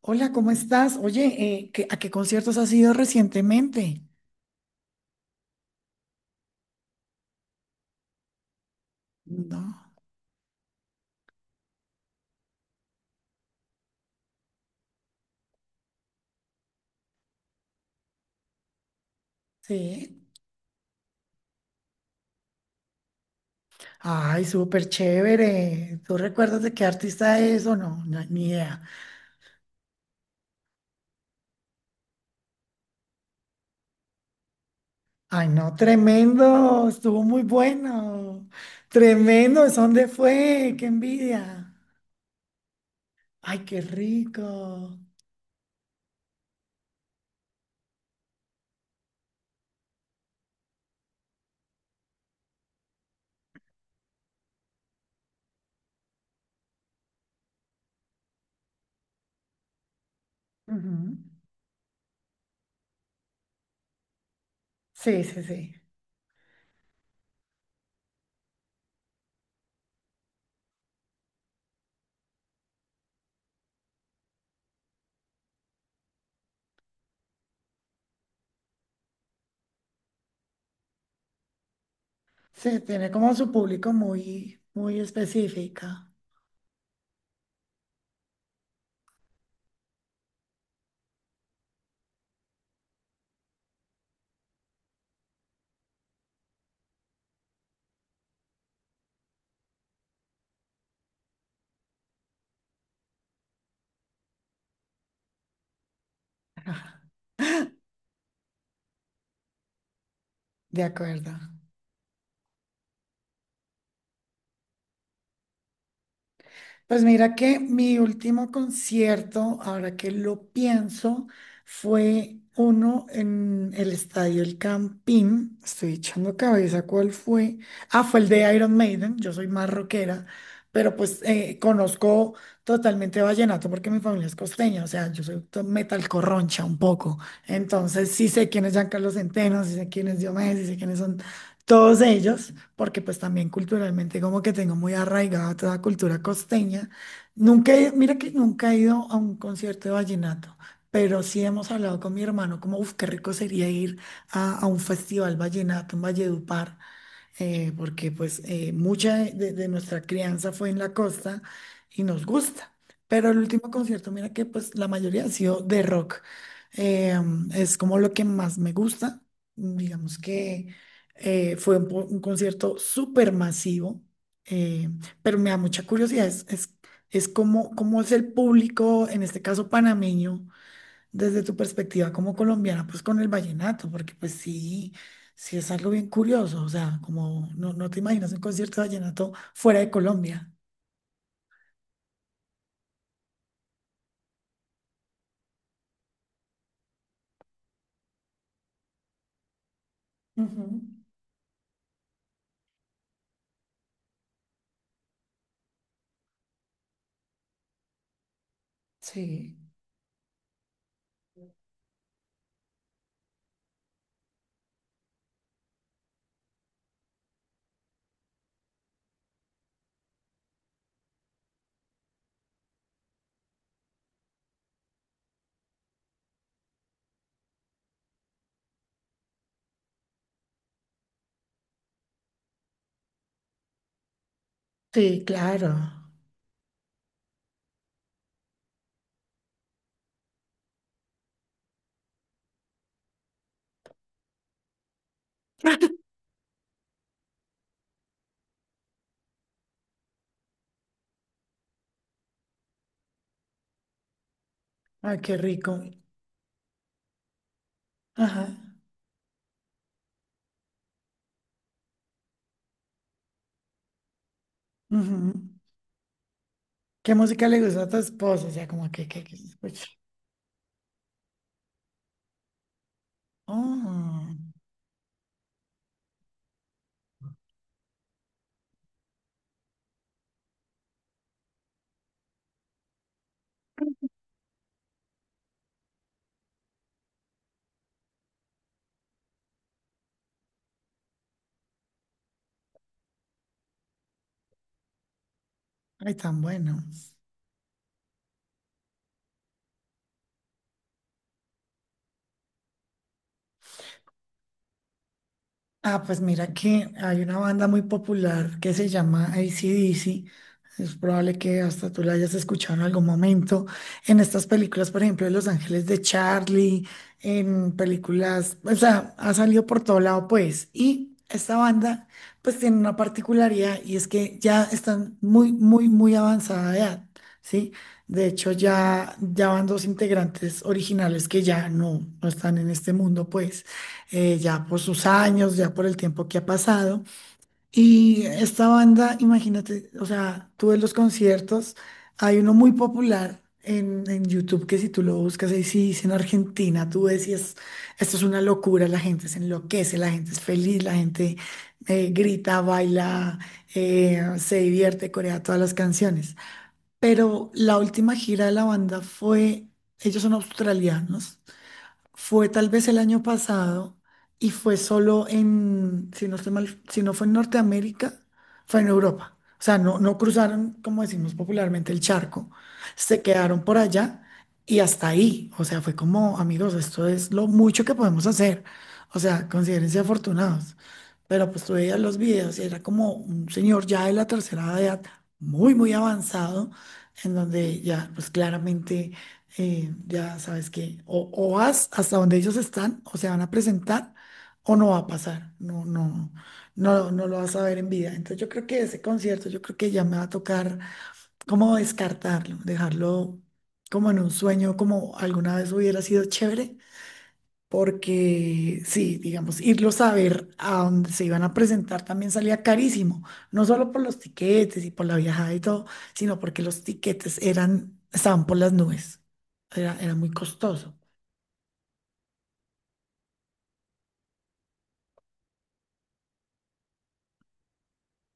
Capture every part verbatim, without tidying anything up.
Hola, ¿cómo estás? Oye, eh, ¿qué- ¿a qué conciertos has ido recientemente? No, sí. Ay, súper chévere. ¿Tú recuerdas de qué artista es o no? No, ni idea. Ay, no, tremendo. Estuvo muy bueno. Tremendo. ¿Es dónde fue? ¡Qué envidia! Ay, qué rico. Ujú. Sí, sí, sí. Sí, tiene como su público muy, muy específica. De acuerdo. Pues mira que mi último concierto, ahora que lo pienso, fue uno en el Estadio El Campín. Estoy echando cabeza cuál fue. Ah, fue el de Iron Maiden. Yo soy más rockera, pero pues eh, conozco totalmente vallenato porque mi familia es costeña. O sea, yo soy to- metal corroncha un poco. Entonces sí sé quién es Giancarlo Centeno, sí sé quién es Diomedes, sí sé quiénes son todos ellos porque pues también culturalmente como que tengo muy arraigada toda la cultura costeña. Nunca he- Mira que nunca he ido a un concierto de vallenato, pero sí hemos hablado con mi hermano como, uff, qué rico sería ir a, a un festival vallenato en Valledupar, eh, porque pues eh, mucha de, de- de nuestra crianza fue en la costa y nos gusta. Pero el último concierto, mira que pues la mayoría ha sido de rock. Eh, mm, es como lo que más me gusta. Mm, Digamos que eh, fue un, po- un concierto súper masivo, eh, pero me da mucha curiosidad. Es, es, es como, cómo es el público, en este caso panameño desde tu perspectiva como colombiana, pues con el vallenato, porque pues sí, sí es algo bien curioso, o sea, como no, no te imaginas un concierto de vallenato fuera de Colombia. Ujú. Sí. Sí, claro. Ay, qué rico. Ajá. Ujú. ¿Qué música le gusta a tu esposo? O sea, como que, que, que- pues, oh, ay, tan bueno. Ah, pues mira que hay una banda muy popular que se llama A C/D C. Es probable que hasta tú la hayas escuchado en algún momento. En estas películas, por ejemplo, de Los Ángeles de Charlie, en películas, o sea, ha salido por todo lado, pues. Y esta banda, pues tiene una particularidad y es que ya están muy, muy, muy avanzada de edad, ¿sí? De hecho, ya, ya van dos integrantes originales que ya no, no están en este mundo, pues eh, ya por sus años, ya por el tiempo que ha pasado. Y esta banda, imagínate, o sea, tuve los conciertos, hay uno muy popular en, en YouTube que si tú lo buscas ahí, sí, dice en Argentina, tú decías, esto es una locura, la gente se enloquece, la gente es feliz, la gente eh, grita, baila, eh, se divierte, corea todas las canciones. Pero la última gira de la banda fue, ellos son australianos. Fue tal vez el año pasado y fue solo en, si no estoy mal, si no fue en Norteamérica, fue en Europa. O sea, no, no cruzaron, como decimos popularmente, el charco. Se quedaron por allá y hasta ahí. O sea, fue como, amigos, esto es lo mucho que podemos hacer. O sea, considérense afortunados. Pero pues tú veías los videos y era como un señor ya de la tercera edad, muy, muy avanzado, en donde ya, pues claramente eh, ya sabes que o, o vas hasta donde ellos están o se van a presentar o no va a pasar, no, no, no, no lo vas a ver en vida. Entonces yo creo que ese concierto, yo creo que ya me va a tocar como descartarlo, dejarlo como en un sueño, como alguna vez hubiera sido chévere, porque sí, digamos, irlos a ver a donde se iban a presentar también salía carísimo, no solo por los tiquetes y por la viajada y todo, sino porque los tiquetes eran, estaban por las nubes, era, era muy costoso.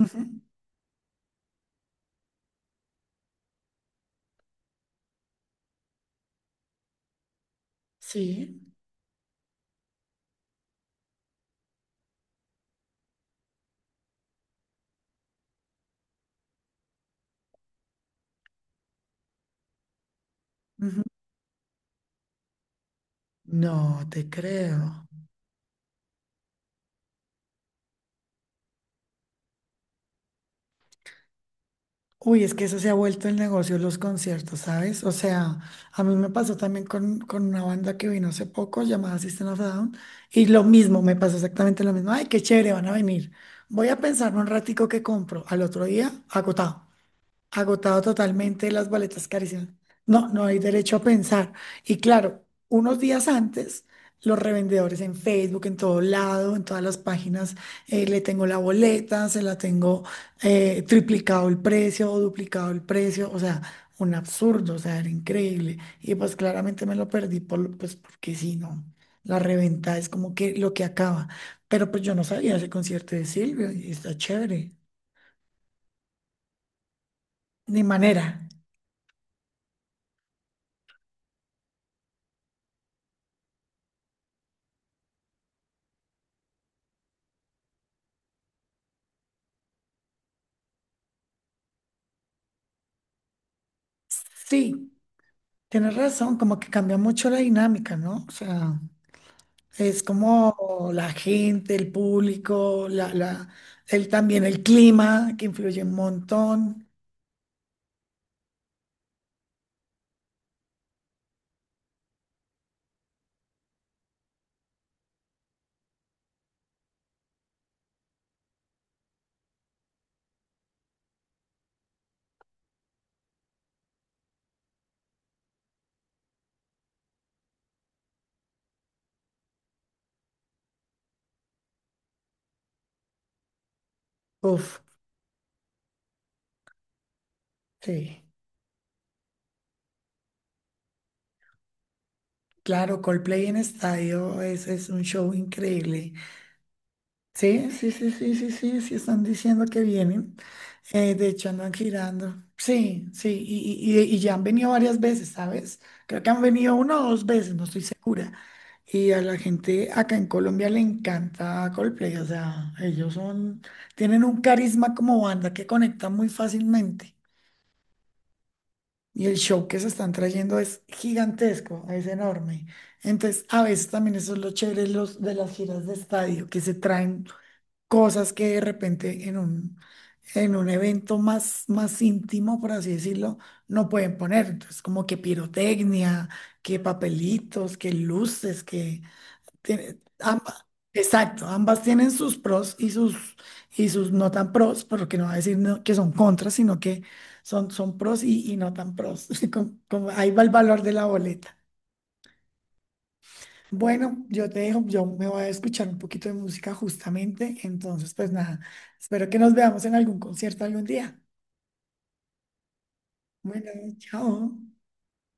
Ujú. Sí. Ujú. No te creo. Uy, es que eso se ha vuelto el negocio, los conciertos, ¿sabes? O sea, a mí me pasó también con, con una banda que vino hace poco llamada System of a Down y lo mismo, me pasó exactamente lo mismo. Ay, qué chévere, van a venir. Voy a pensar un ratico que compro. Al otro día, agotado agotado totalmente, las boletas carísimas. No, no hay derecho a pensar. Y claro, unos días antes, los revendedores en Facebook, en todo lado, en todas las páginas, eh, le tengo la boleta, se la tengo eh, triplicado el precio o duplicado el precio, o sea, un absurdo, o sea, era increíble. Y pues claramente me lo perdí, por, pues porque si no, la reventa es como que lo que acaba. Pero pues yo no sabía ese concierto de Silvio y está chévere. Ni manera. Sí, tienes razón, como que cambia mucho la dinámica, ¿no? O sea, es como la gente, el público, la, la, el, también el clima, que influye un montón. Uf, sí. Claro, Coldplay en estadio es, es un show increíble. Sí, sí, sí, sí, sí, sí, sí, están diciendo que vienen. Eh, de hecho, andan girando. Sí, sí, y, y- y- y ya han venido varias veces, ¿sabes? Creo que han venido una o dos veces, no estoy segura. Y a la gente acá en Colombia le encanta Coldplay, o sea, ellos son, tienen un carisma como banda que conecta muy fácilmente. Y el show que se están trayendo es gigantesco, es enorme. Entonces, a veces también eso es lo chévere de los, de las giras de estadio, que se traen cosas que de repente en un, en un evento más, más íntimo, por así decirlo, no pueden poner. Entonces, como que pirotecnia, que papelitos, que luces, que... tiene- amba- exacto, ambas tienen sus pros y sus, y sus no tan pros, porque no va a decir no- que son contras, sino que son, son pros y, y no tan pros. Como- como ahí va el valor de la boleta. Bueno, yo te dejo, yo me voy a escuchar un poquito de música justamente, entonces pues nada, espero que nos veamos en algún concierto algún día. Bueno, chao.